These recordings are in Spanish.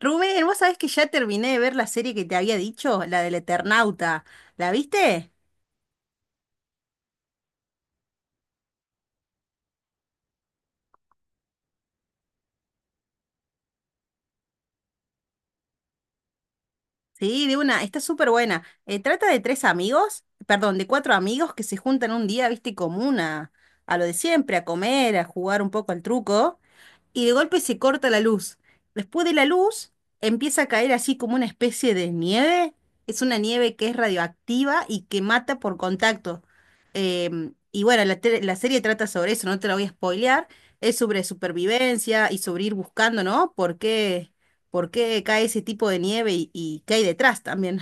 Rubén, vos sabés que ya terminé de ver la serie que te había dicho, la del Eternauta. ¿La viste? Sí, de una, está súper buena. Trata de tres amigos, perdón, de cuatro amigos que se juntan un día, viste, común a lo de siempre, a comer, a jugar un poco al truco. Y de golpe se corta la luz. Después de la luz empieza a caer así como una especie de nieve. Es una nieve que es radioactiva y que mata por contacto. Y bueno, la serie trata sobre eso, no te la voy a spoilear. Es sobre supervivencia y sobre ir buscando, ¿no? ¿Por qué cae ese tipo de nieve y qué hay detrás también?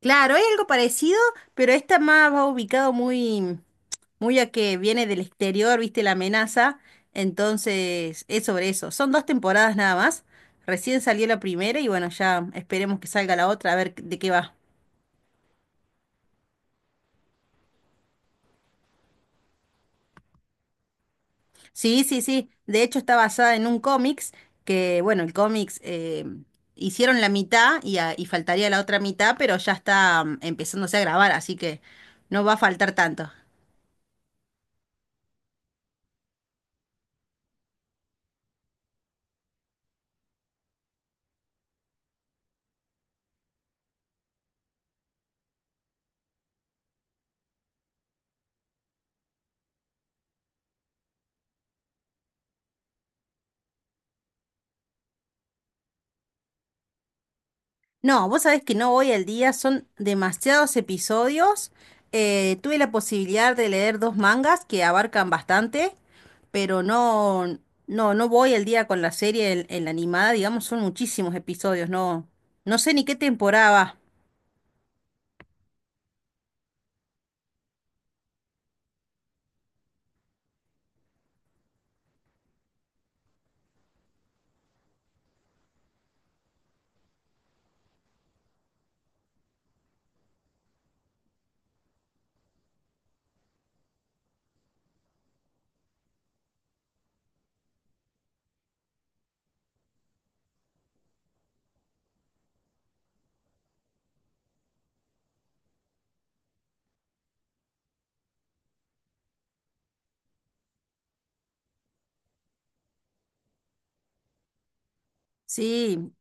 Claro, es algo parecido, pero esta más va ubicado muy, muy a que viene del exterior, viste, la amenaza. Entonces, es sobre eso. Son dos temporadas nada más. Recién salió la primera y bueno, ya esperemos que salga la otra a ver de qué va. Sí, sí, sí. De hecho, está basada en un cómics que, bueno, el cómics hicieron la mitad y faltaría la otra mitad, pero ya está empezándose a grabar, así que no va a faltar tanto. No, vos sabés que no voy al día, son demasiados episodios. Tuve la posibilidad de leer dos mangas que abarcan bastante, pero no, no, no voy al día con la serie, en la animada, digamos, son muchísimos episodios, no, no sé ni qué temporada va. Sí,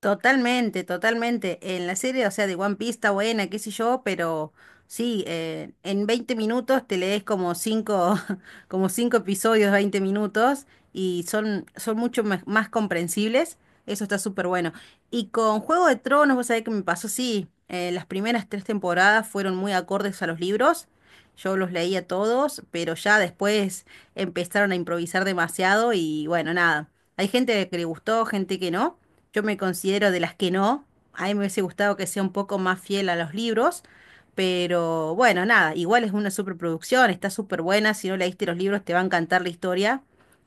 totalmente, totalmente. En la serie, o sea, de One Piece está buena, qué sé yo, pero sí, en 20 minutos te lees como cinco, como cinco episodios, 20 minutos, y son mucho más comprensibles. Eso está súper bueno. Y con Juego de Tronos, vos sabés que me pasó, sí, las primeras tres temporadas fueron muy acordes a los libros. Yo los leía todos, pero ya después empezaron a improvisar demasiado y bueno, nada. Hay gente que le gustó, gente que no. Yo me considero de las que no. A mí me hubiese gustado que sea un poco más fiel a los libros, pero bueno, nada, igual es una superproducción, está súper buena. Si no leíste los libros, te va a encantar la historia,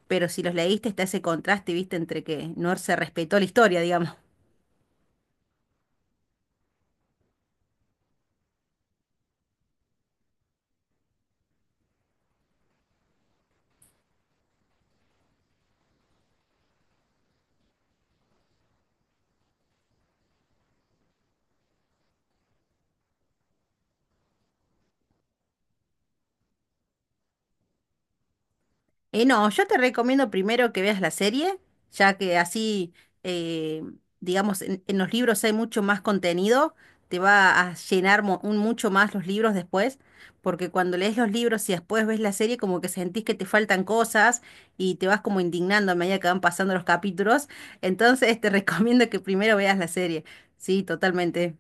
pero si los leíste, está ese contraste, viste, entre que no se respetó la historia, digamos. No, yo te recomiendo primero que veas la serie, ya que así, eh, digamos, en los libros hay mucho más contenido, te va a llenar un mucho más los libros después, porque cuando lees los libros y después ves la serie, como que sentís que te faltan cosas y te vas como indignando a medida que van pasando los capítulos, entonces te recomiendo que primero veas la serie, sí, totalmente.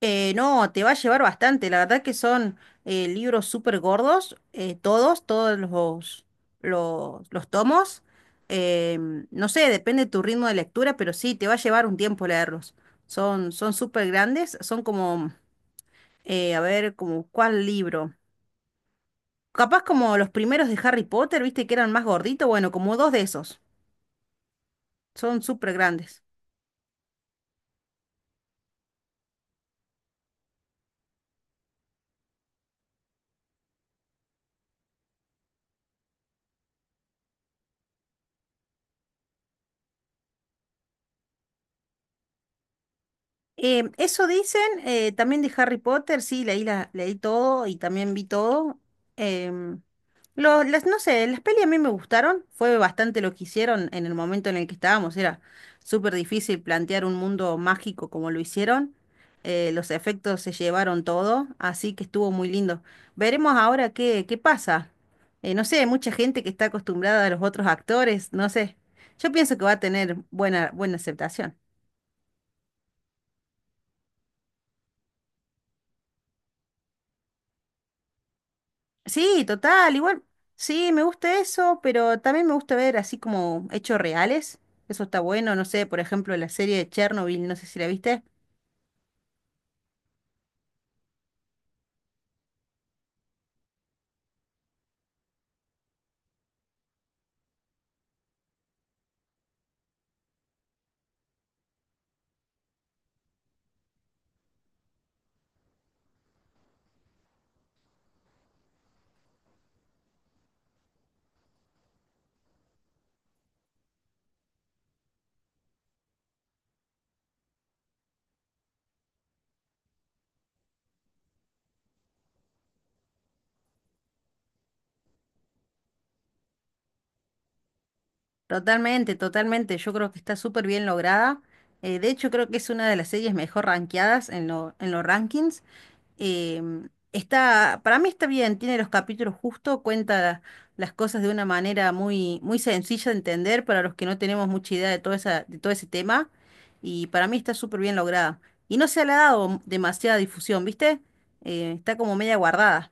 No, te va a llevar bastante. La verdad que son libros súper gordos, todos los tomos. No sé, depende de tu ritmo de lectura, pero sí, te va a llevar un tiempo leerlos. Son súper grandes, son como, a ver, como cuál libro. Capaz como los primeros de Harry Potter, viste que eran más gorditos, bueno, como dos de esos. Son súper grandes. Eso dicen, también de Harry Potter, sí, leí, la, leí todo y también vi todo. Em, las, no sé, las pelis a mí me gustaron, fue bastante lo que hicieron en el momento en el que estábamos, era súper difícil plantear un mundo mágico como lo hicieron, los efectos se llevaron todo, así que estuvo muy lindo. Veremos ahora qué pasa. No sé, hay mucha gente que está acostumbrada a los otros actores, no sé, yo pienso que va a tener buena, buena aceptación. Sí, total, igual. Sí, me gusta eso, pero también me gusta ver así como hechos reales. Eso está bueno, no sé, por ejemplo, la serie de Chernobyl, no sé si la viste. Totalmente, totalmente. Yo creo que está súper bien lograda. De hecho, creo que es una de las series mejor rankeadas en los rankings. Está, para mí está bien, tiene los capítulos justo, cuenta las cosas de una manera muy, muy sencilla de entender para los que no tenemos mucha idea de todo ese tema. Y para mí está súper bien lograda. Y no se le ha dado demasiada difusión, ¿viste? Está como media guardada.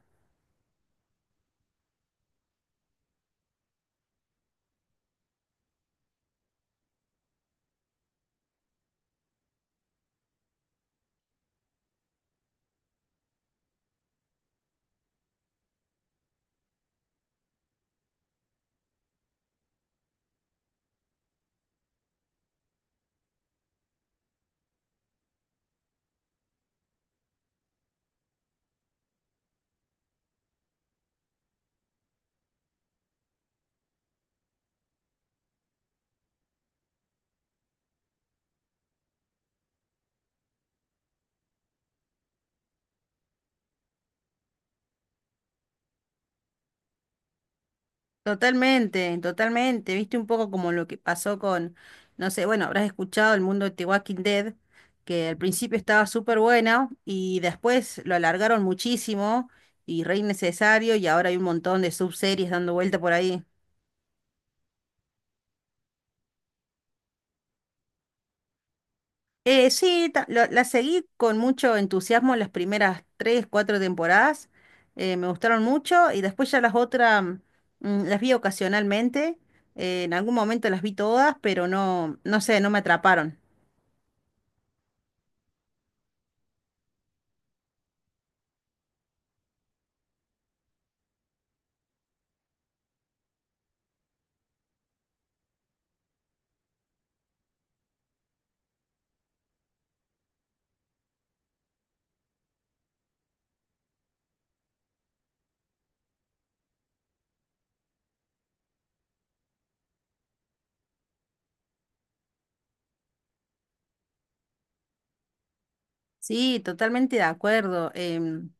Totalmente, totalmente. Viste un poco como lo que pasó con, no sé, bueno, habrás escuchado el mundo de The Walking Dead, que al principio estaba súper bueno y después lo alargaron muchísimo y re innecesario y ahora hay un montón de subseries dando vuelta por ahí. Sí, la seguí con mucho entusiasmo las primeras tres, cuatro temporadas. Me gustaron mucho y después ya las otras las vi ocasionalmente. En algún momento las vi todas, pero no, no sé, no me atraparon. Sí, totalmente de acuerdo.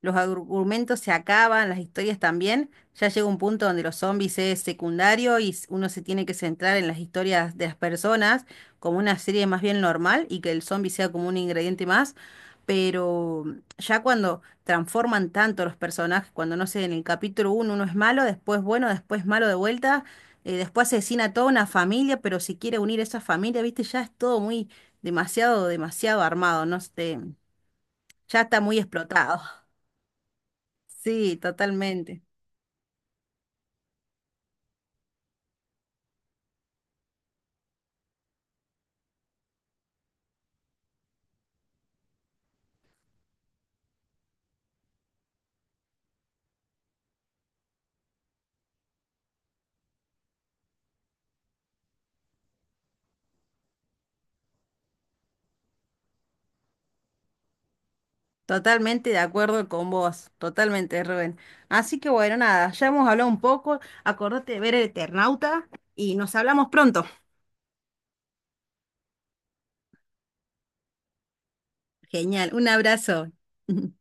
Los argumentos se acaban, las historias también. Ya llega un punto donde los zombies es secundario y uno se tiene que centrar en las historias de las personas como una serie más bien normal y que el zombie sea como un ingrediente más. Pero ya cuando transforman tanto los personajes, cuando no sé, en el capítulo uno, uno es malo, después bueno, después malo de vuelta, después asesina a toda una familia, pero si quiere unir a esa familia, viste, ya es todo muy demasiado, demasiado armado, no sé, ya está muy explotado. Sí, totalmente, totalmente de acuerdo con vos, totalmente, Rubén. Así que bueno, nada, ya hemos hablado un poco, acordate de ver el Eternauta y nos hablamos pronto. Genial, un abrazo.